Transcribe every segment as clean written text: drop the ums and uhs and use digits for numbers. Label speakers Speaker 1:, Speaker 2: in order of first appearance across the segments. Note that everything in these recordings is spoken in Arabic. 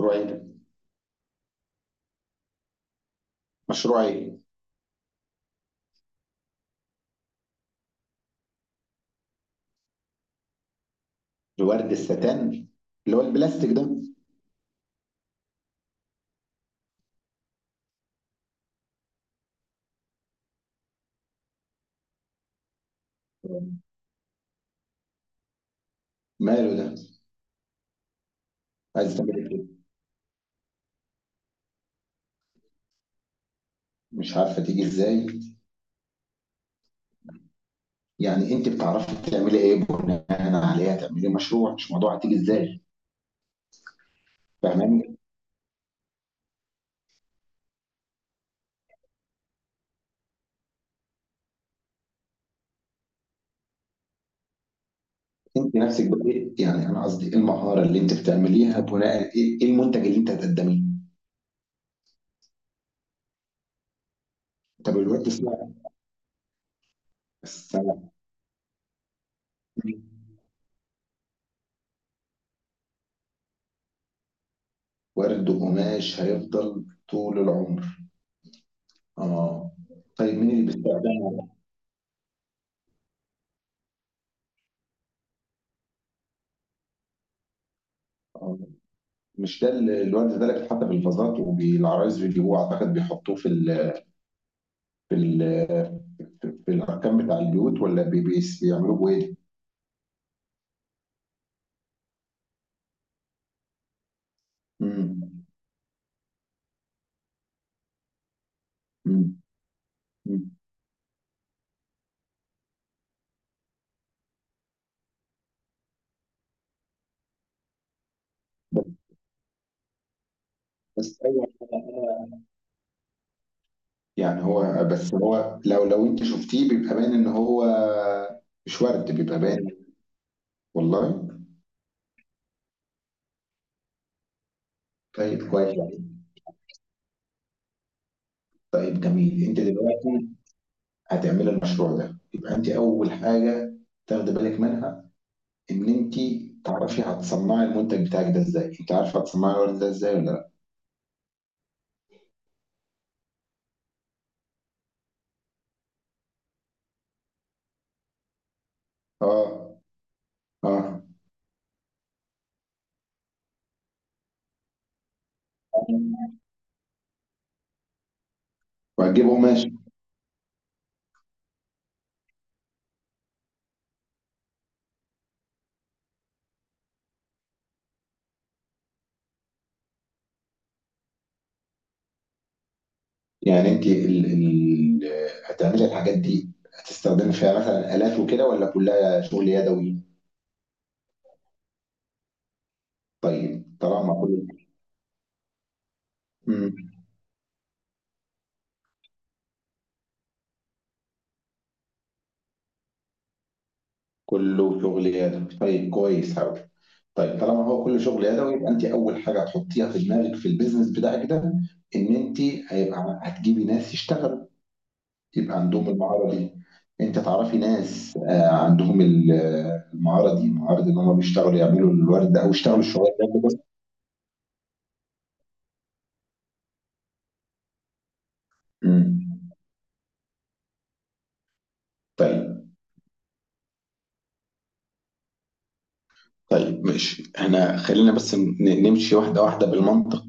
Speaker 1: مشروع ايه ده؟ مشروع ايه؟ الورد الستان اللي هو البلاستيك ده. ماله ده؟ عايز تعملي ايه؟ مش عارفه تيجي ازاي؟ يعني انت بتعرفي تعملي ايه بناء عليها تعملي مشروع، مش موضوع هتيجي ازاي؟ فاهماني؟ انت نفسك بدأت، يعني انا قصدي ايه المهاره اللي انت بتعمليها بناء، إيه المنتج اللي انت هتقدميه؟ طب الورد سنة. سنة. ورد وقماش هيفضل طول العمر. اه. طيب مين اللي بيستخدمه؟ مش ده الواد ده اللي حتى بالفازات وبالعرايس بيجيبوه، اعتقد بيحطوه في ال في ال في في الاركان بتاع البيوت، ولا بيعملوه بايه؟ مم. مم. مم. بس ايوه. يعني هو، بس هو لو انت شفتيه بيبقى باين ان هو. مش ورد، بيبقى باين. والله؟ طيب كويس. طيب جميل. انت دلوقتي هتعملي المشروع ده، يبقى انت اول حاجه تاخدي بالك منها، ان انت تعرفي هتصنعي المنتج بتاعك ده ازاي. انت عارفه هتصنعي الورد ده ازاي ولا لا؟ اه. اه. وهتجيب قماش. يعني انت هتعملي الحاجات دي، هتستخدمي فيها مثلا آلات وكده، ولا كلها شغل يدوي؟ طيب طالما كله. مم. كله شغل يدوي، طيب كويس قوي. طيب طالما هو كله شغل يدوي، يبقى انت اول حاجه هتحطيها في دماغك في البيزنس بتاعك ده، ان انت هيبقى هتجيبي ناس يشتغلوا، يبقى عندهم المهارة دي. انت تعرفي ناس عندهم المهارة دي، مهارة ان هم بيشتغلوا يعملوا الورد ده، او يشتغلوا الشغل ده بس. مم. طيب. طيب ماشي، احنا خلينا بس نمشي واحدة واحدة بالمنطق.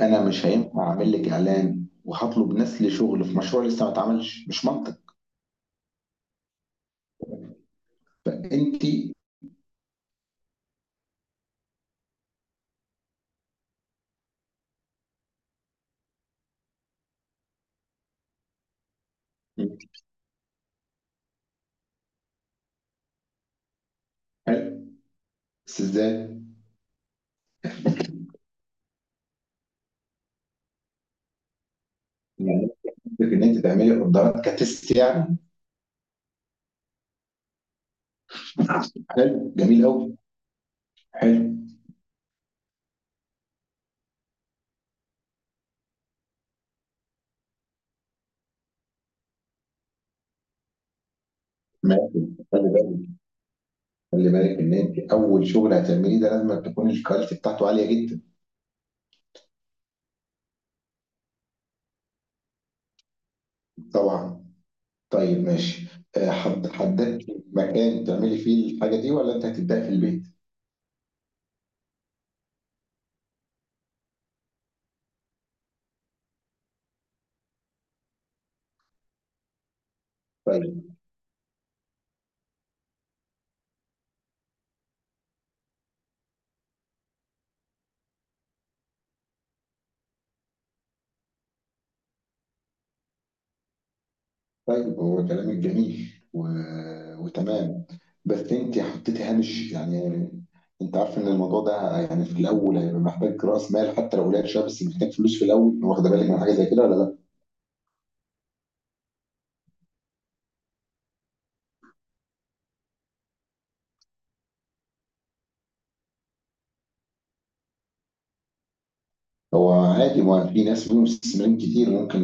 Speaker 1: انا مش هينفع اعمل لك اعلان وهطلب ناس لشغل في مشروع لسه ما اتعملش، مش منطق. فانت. حلو، بس ازاي؟ يعني قصدك ان انت تعملي اوردرات كتست يعني؟ حلو جميل قوي. حلو. ماشي. طيب، خلي بالك ان انت اول شغل هتعمليه ده لازم تكون الكواليتي بتاعته عاليه جدا. طبعا. طيب ماشي. حد، حددت مكان تعملي فيه الحاجه دي، ولا انت هتبداي في البيت؟ طيب. طيب هو كلامك جميل وتمام، بس انت حطيتي هامش يعني. انت عارف ان الموضوع ده يعني في الاول هيبقى محتاج راس مال، حتى لو قليل شويه، بس محتاج فلوس في الاول. واخده بالك من حاجه زي كده ولا لا؟ هو عادي، ما في ناس فيهم مستثمرين كتير ممكن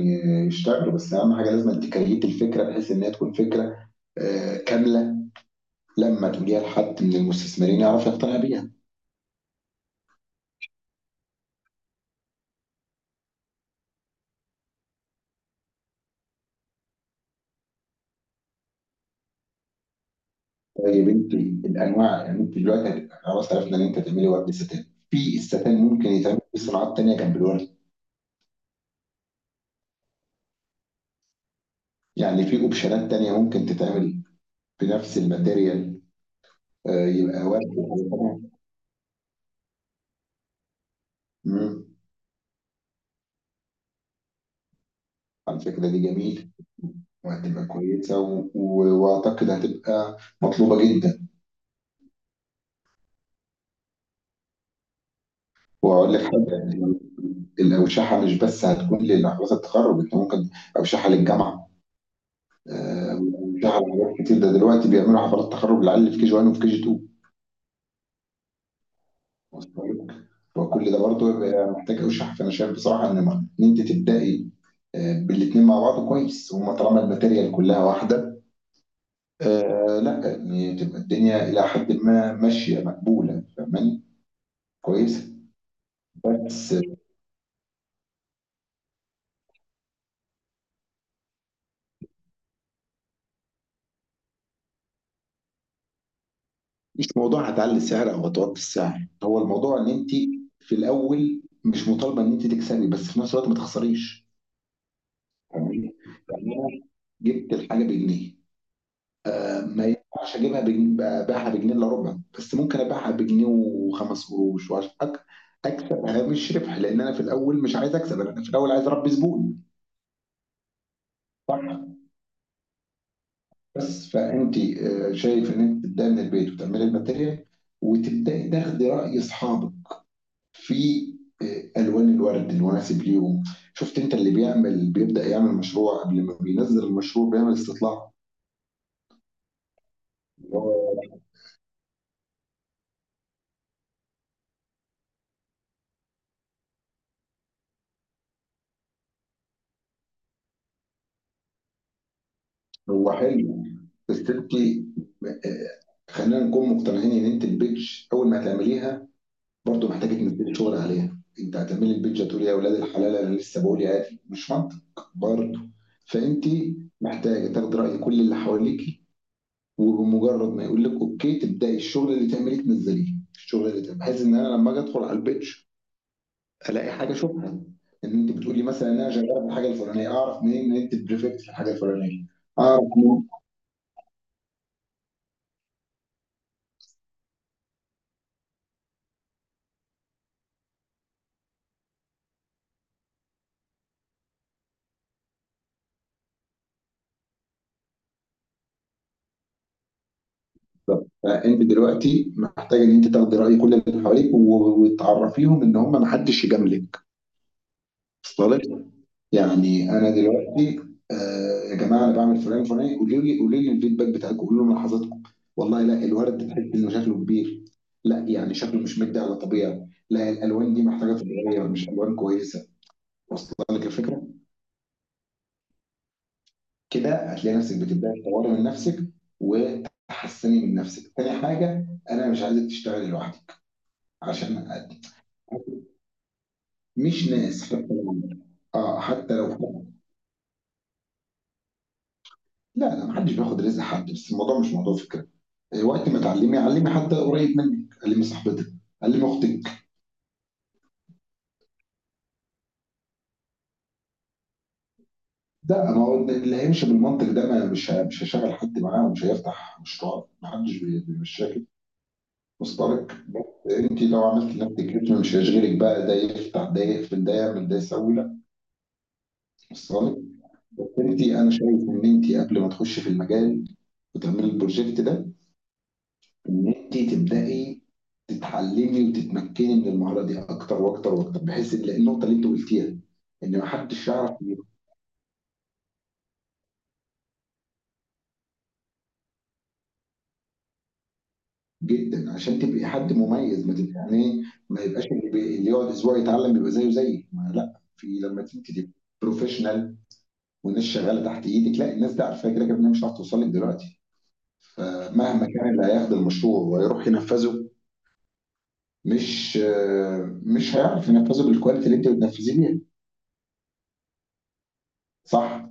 Speaker 1: يشتغلوا، بس اهم حاجه لازم تكريت الفكره بحيث انها تكون فكره كامله، لما تجيها لحد من المستثمرين يعرف يقتنع بيها. طيب انت، الانواع، يعني انت دلوقتي خلاص عرفنا ان انت تعملي ورد ستان. في الستان ممكن يتعمل في صناعات تانية جنب الورد. يعني في اوبشنات تانية ممكن تتعمل بنفس الماتيريال. يبقى ورد وحاجة تانية. مم. على الفكره دي جميل، وهتبقى كويسه واعتقد هتبقى مطلوبه جدا. واقول لك حاجه يعني، الاوشحه مش بس هتكون لحفلات التخرج، انت ممكن اوشحه للجامعه، آه، اوشحه لحاجات كتير. ده دلوقتي بيعملوا حفلات تخرج للعيال اللي في كي جي 1 وفي كي جي 2. واصل لك؟ فكل ده برضه بيبقى محتاج اوشحه، فانا شايف بصراحه ان ان انت تبداي بالاثنين مع بعض كويس، هما طالما الماتيريال كلها واحده. آه لا، يعني تبقى الدنيا الى حد ما ماشيه مقبوله. فاهماني؟ كويس. مش موضوع هتعلي السعر او هتوطي السعر، هو الموضوع ان انت في الاول مش مطالبه ان انت تكسبي، بس في نفس الوقت ما تخسريش. فاهماني؟ يعني انا جبت الحاجه بجنيه، ما ينفعش اجيبها بجنيه ابيعها بجنيه الا ربع، بس ممكن ابيعها بجنيه وخمس قروش، وعشان اكسب هامش ربح، لان انا في الاول مش عايز اكسب، انا في الاول عايز اربي زبون. صح. بس فانت، شايف ان انت تبداي من البيت وتعملي الماتيريال، وتبداي تاخدي راي اصحابك في الوان الورد المناسب ليهم. شفت، انت اللي بيعمل بيبدا يعمل مشروع قبل ما بينزل المشروع بيعمل استطلاع. هو هو حلو، بس انت خلينا نكون مقتنعين ان انت البيج اول ما هتعمليها برضو محتاجه تنزلي شغل عليها. انت هتعملي البيج هتقولي يا اولاد الحلال، انا لسه بقول عادي مش منطق برضو. فانت محتاجه تاخدي راي كل اللي حواليك، وبمجرد ما يقول لك اوكي تبداي الشغل اللي تعمليه، تنزليه الشغل اللي تعمليه، بحيث ان انا لما اجي ادخل على البيتش الاقي حاجه اشوفها، ان انت بتقولي مثلا ان انا شغاله في الحاجه الفلانيه، اعرف منين ان انت بريفكت في الحاجه الفلانيه، اعرف منين؟ بالظبط. فانت دلوقتي محتاجه ان انت تاخدي راي كل اللي حواليك، وتعرفيهم ان هم ما حدش يجاملك. وصل لك؟ يعني انا دلوقتي، آه يا جماعه انا بعمل فلان فلان، قولوا لي، قولوا لي الفيدباك بتاعكم، قولوا لي ملاحظاتكم. والله لا، الورد ده تحس انه شكله كبير، لا يعني شكله مش مدي على طبيعي، لا الالوان دي محتاجه تتغير مش الوان كويسه. واصله لك الفكره؟ كده هتلاقي نفسك بتبداي تطوري من نفسك وتحسني من نفسك. تاني حاجه، انا مش عايزك تشتغلي لوحدك عشان أقدم. مش ناس. اه حتى لو. لا لا، محدش بياخد رزق حد، بس الموضوع مش موضوع فكرة. وقت ما تعلمي، علمي حد قريب منك، علمي صاحبتك، علمي أختك. لأ، ما هو اللي هيمشي بالمنطق ده ما مش ه مش هيشغّل حد معاه ومش هيفتح مشروع، ما حدش بيمشّيها كده. مصدرِك بس أنتِ، لو عملتِ لنفسِك اسم مش هيشغلِك بقى ده يفتح، ده يقفل، ده يعمل، ده يسوي. لأ. واصلة لِك؟ بس أنتِ، أنا شايف إن أنتِ قبل ما تخشي في المجال وتعملي الproject ده، ان انت تبداي تتعلمي وتتمكني من المهاره دي اكتر واكتر واكتر، بحيث ان النقطه اللي انت قلتيها ان ما حدش يعرف يروح، جدا، عشان تبقي حد مميز. ما تبقي يعني إيه، ما يبقاش اللي اللي يقعد اسبوع يتعلم يبقى زيه زيك. ما لا، في لما انت تبقي بروفيشنال والناس شغاله تحت ايدك، لا الناس دي عارفه كده كده إنها مش هتعرف توصل لك دلوقتي، فمهما كان اللي هياخد المشروع ويروح ينفذه مش هيعرف ينفذه بالكواليتي اللي انت بتنفذيه بيها. صح.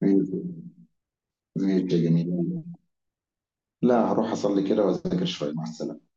Speaker 1: ماشي. ماشي يا جميل، لا هروح اصلي كده واذاكر شوية، مع السلامة.